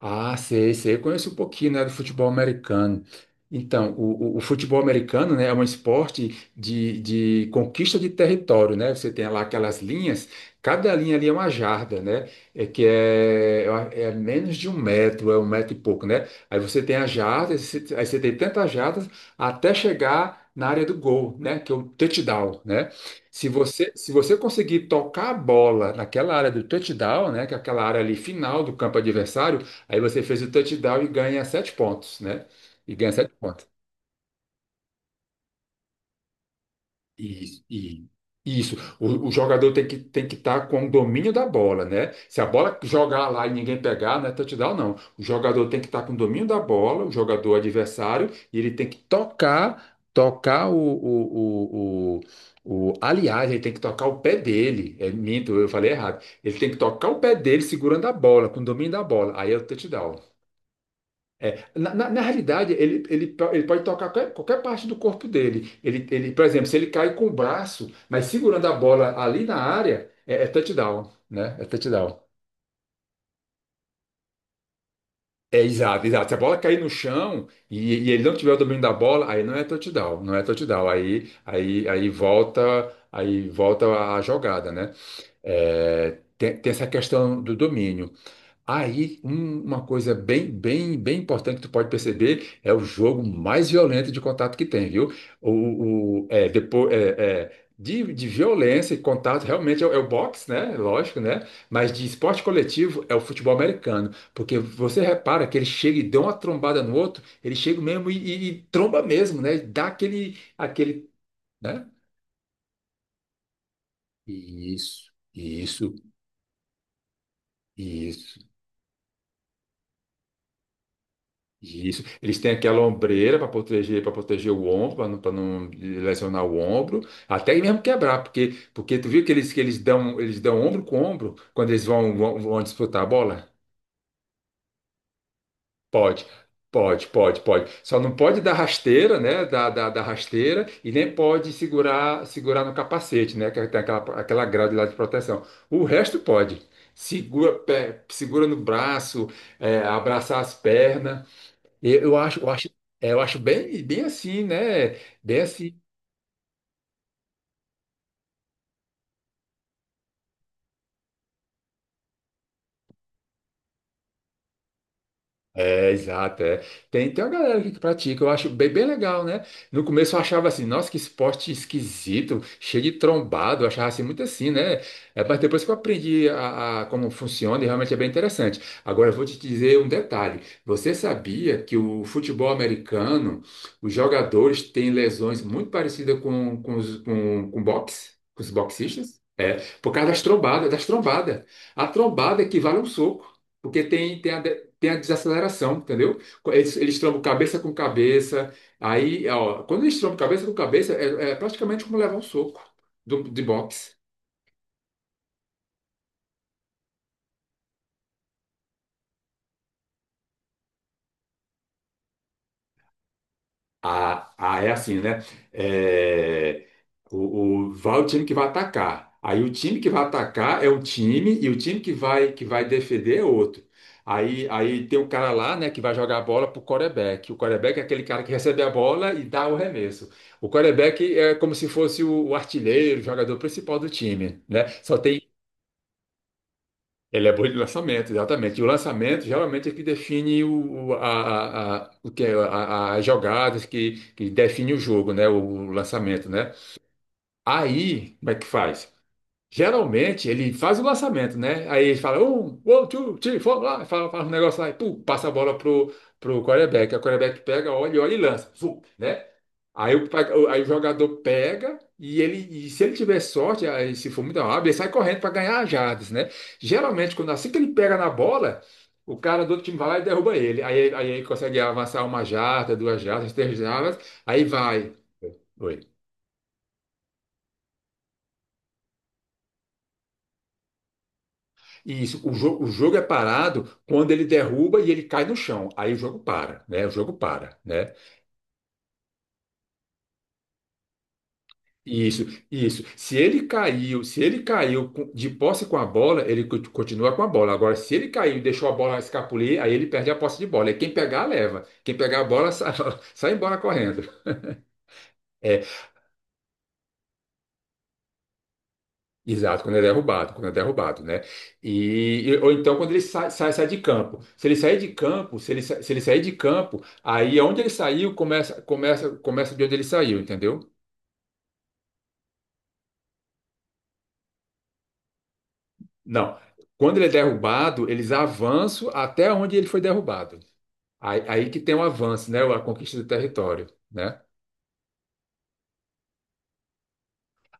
Ah, sei, sei. Eu conheço um pouquinho, né, do futebol americano. Então, o futebol americano, né, é um esporte de conquista de território, né? Você tem lá aquelas linhas, cada linha ali é uma jarda, né? É que é, é menos de um metro, é um metro e pouco, né? Aí você tem as jardas, aí você tem tantas jardas até chegar na área do gol, né? Que é o touchdown, né? Se você conseguir tocar a bola naquela área do touchdown, né? Que é aquela área ali final do campo adversário. Aí você fez o touchdown e ganha 7 pontos, né? E ganha sete pontos. E, e isso, o jogador tem que estar com o domínio da bola, né? Se a bola jogar lá e ninguém pegar, não é touchdown, não. O jogador tem que estar com o domínio da bola, o jogador adversário, e ele tem que tocar aliás, ele tem que tocar o pé dele. É minto, eu falei errado. Ele tem que tocar o pé dele segurando a bola, com o domínio da bola. Aí é o touchdown. É, na realidade, ele pode tocar qualquer parte do corpo dele. Por exemplo, se ele cai com o braço, mas segurando a bola ali na área, é touchdown, né? É touchdown. É, exato, exato. Se a bola cair no chão e ele não tiver o domínio da bola, aí não é touchdown, não é touchdown. Aí volta a jogada, né? É, tem essa questão do domínio. Aí, uma coisa bem, bem, bem importante que tu pode perceber é o jogo mais violento de contato que tem, viu? Depois, de violência e contato realmente é o boxe, né? Lógico, né? Mas de esporte coletivo é o futebol americano, porque você repara que ele chega e dá uma trombada no outro, ele chega mesmo e tromba mesmo, né? E dá aquele, aquele, né? Isso, isso, isso. Isso. Eles têm aquela ombreira para proteger o ombro, para não, pra não lesionar o ombro, até mesmo quebrar, porque tu viu que eles dão ombro com ombro quando eles vão disputar a bola? Pode, pode, pode, pode. Só não pode dar rasteira, né? Da rasteira e nem pode segurar no capacete, né? Que tem aquela grade lá de proteção. O resto pode. Segura, segura no braço, abraçar as pernas. Eu acho, eu acho, eu acho bem, bem assim, né? Bem assim. É, exato, é. Tem uma galera aqui que pratica, eu acho bem, bem legal, né? No começo eu achava assim, nossa, que esporte esquisito, cheio de trombado, eu achava assim muito assim, né? É, mas depois que eu aprendi a como funciona, e realmente é bem interessante. Agora eu vou te dizer um detalhe. Você sabia que o futebol americano, os jogadores têm lesões muito parecidas com boxe, com os boxistas? É, por causa das trombadas, das trombadas. A trombada equivale a um soco. Porque tem a desaceleração, entendeu? Eles trombam cabeça com cabeça. Aí, ó, quando eles trombam cabeça com cabeça, é praticamente como levar um soco de boxe. Ah, ah, é assim, né? É, vai o time que vai atacar. Aí o time que vai atacar é um time e o time que vai defender é outro. Aí tem um cara lá, né, que vai jogar a bola pro quarterback. O quarterback é aquele cara que recebe a bola e dá o remesso. O quarterback é como se fosse o artilheiro, o jogador principal do time, né? Só tem ele é bom de lançamento, exatamente. E o lançamento geralmente é que define o que é, a- as jogadas que define o jogo, né? O lançamento, né? Aí, como é que faz? Geralmente ele faz o lançamento, né? Aí ele fala um, one, two, three, four, lá, fala um negócio lá e pum, passa a bola pro quarterback. Aí o quarterback pega, olha, olha e lança, zum, né? Aí o jogador pega e se ele tiver sorte, aí se for muito rápido, ele sai correndo para ganhar as jardas, né? Geralmente, quando assim que ele pega na bola, o cara do outro time vai lá e derruba ele. Aí ele consegue avançar uma jarda, 2 jardas, 3 jardas, aí vai. Isso. O jogo é parado quando ele derruba e ele cai no chão. Aí o jogo para, né? O jogo para, né? Isso, isso. Se ele caiu de posse com a bola, ele continua com a bola. Agora, se ele caiu e deixou a bola escapulir, aí ele perde a posse de bola. E quem pegar, leva. Quem pegar a bola, sai, sai embora correndo. É, exato, quando é derrubado, né? Ou então quando ele sai de campo. Se ele sair de campo, se ele, sa- se ele sair de campo, aí é onde ele saiu começa de onde ele saiu, entendeu? Não. Quando ele é derrubado, eles avançam até onde ele foi derrubado. Aí que tem o avanço, né? A conquista do território, né?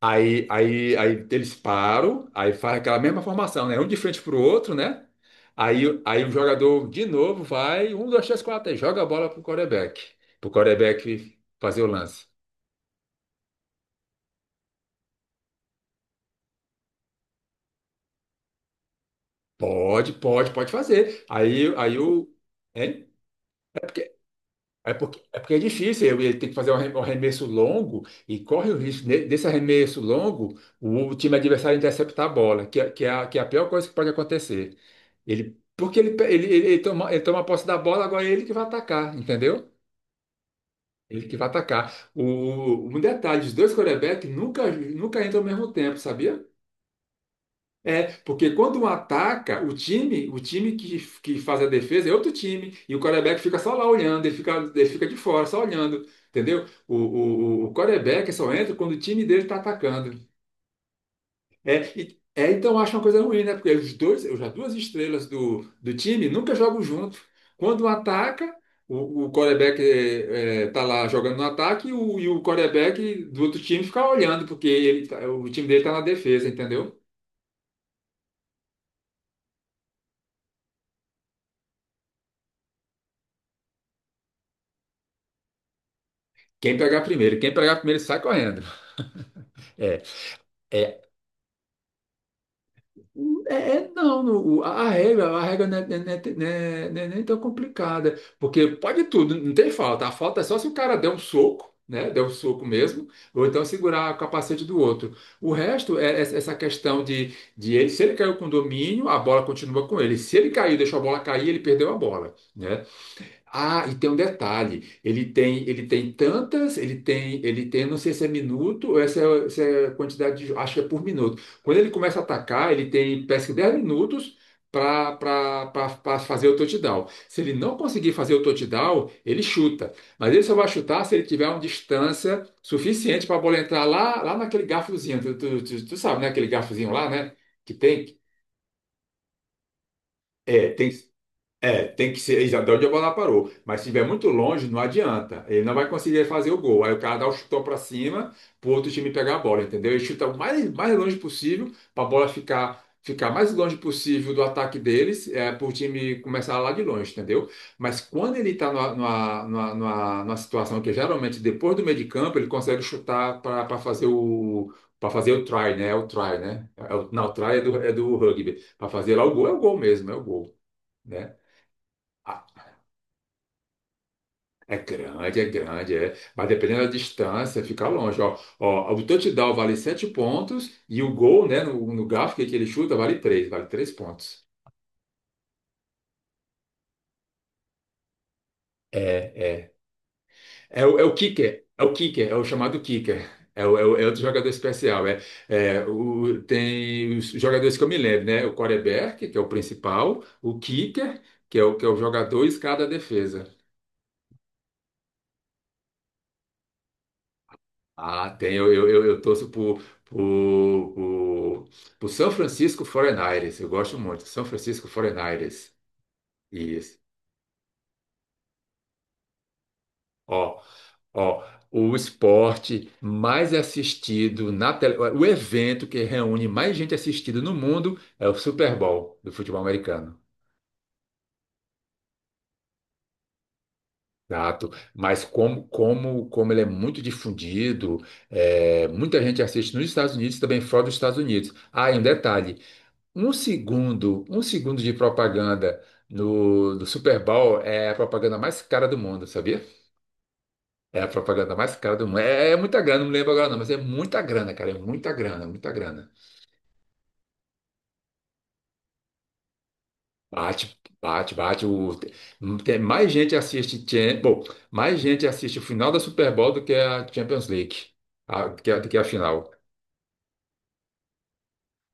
Aí eles param, aí faz aquela mesma formação, né? Um de frente pro outro, né? Aí o jogador de novo vai, um, dois, três, quatro, aí joga a bola pro quarterback fazer o lance. Pode, pode, pode fazer. Aí, aí o. Hein? É porque, é porque é difícil, ele tem que fazer um arremesso longo e corre o risco desse arremesso longo o time adversário interceptar a bola, que é a pior coisa que pode acontecer. Ele, porque ele, ele toma posse da bola, agora é ele que vai atacar, entendeu? Ele que vai atacar. Um detalhe, os dois quarterbacks nunca, nunca entram ao mesmo tempo, sabia? É, porque quando um ataca, o time que faz a defesa é outro time, e o quarterback fica só lá olhando, ele fica de fora, só olhando, entendeu? O quarterback só entra quando o time dele está atacando. Então eu acho uma coisa ruim, né? Porque as duas estrelas do time nunca jogam junto. Quando um ataca, o quarterback tá lá jogando no ataque e o quarterback do outro time fica olhando, porque o time dele tá na defesa, entendeu? Quem pegar primeiro sai correndo. É, é, Não, a regra não é nem tão complicada, porque pode tudo, não tem falta. A falta é só se o cara der um soco, né? Der um soco mesmo, ou então segurar o capacete do outro. O resto é essa questão de se ele caiu com domínio, a bola continua com ele. Se ele caiu e deixou a bola cair, ele perdeu a bola, né? Ah, e tem um detalhe, ele tem, não sei se é minuto ou se é quantidade acho que é por minuto. Quando ele começa a atacar, ele tem, parece que 10 minutos para fazer o touchdown. Se ele não conseguir fazer o touchdown, ele chuta. Mas ele só vai chutar se ele tiver uma distância suficiente para a bola entrar lá, lá naquele garfozinho. Tu sabe, né? Aquele garfozinho lá, né? Que tem. É, tem tem que ser já de onde a bola parou. Mas se estiver muito longe, não adianta. Ele não vai conseguir fazer o gol. Aí o cara dá o chutão para cima pro outro time pegar a bola, entendeu? Ele chuta o mais, mais longe possível para a bola ficar mais longe possível do ataque deles, para o time começar lá de longe, entendeu? Mas quando ele está numa situação que geralmente depois do meio de campo ele consegue chutar para fazer o. Para fazer o try, né? É o try, né? Não, o try é do rugby. Para fazer lá o gol, é o gol mesmo, é o gol, né? É grande, é grande, é. Mas dependendo da distância, fica longe. Ó, ó, o touchdown vale 7 pontos e o gol, né, no gráfico que ele chuta, vale 3, vale 3 pontos. É, é. É o kicker, é o chamado kicker. É outro jogador especial. Tem os jogadores que eu me lembro, né? O quarterback, que é o principal, o kicker, que é o jogador e cada defesa. Ah, tem. Eu torço pro, pro, pro São Francisco 49ers. Eu gosto muito. São Francisco 49ers. Isso. Ó, ó. O esporte mais assistido na tele... O evento que reúne mais gente assistida no mundo é o Super Bowl do futebol americano. Exato. Mas como ele é muito difundido, muita gente assiste nos Estados Unidos, e também fora dos Estados Unidos. Ah, e um detalhe. Um segundo de propaganda no, do Super Bowl é a propaganda mais cara do mundo, sabia? É a propaganda mais cara do mundo. É muita grana, não lembro agora não, mas é muita grana, cara, é muita grana, muita grana. Bate, bate, bate. Mais gente assiste, mais gente assiste o final da Super Bowl do que a Champions League, do que a final.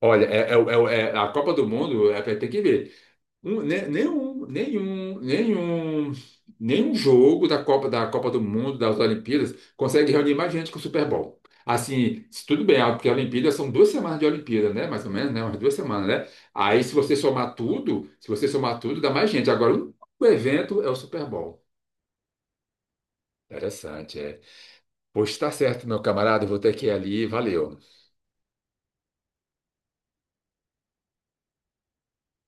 Olha, a Copa do Mundo é, vai ter que ver. Um- ne- nenhum, nenhum, nenhum, nenhum jogo da Copa do Mundo, das Olimpíadas, consegue reunir mais gente que o Super Bowl. Assim, se tudo bem, porque a Olimpíada são 2 semanas de Olimpíada, né? Mais ou menos, né? Umas 2 semanas, né? Aí, se você somar tudo, dá mais gente. Agora, o único evento é o Super Bowl. Interessante, é. Pois tá certo, meu camarada, eu vou ter que ir ali. Valeu.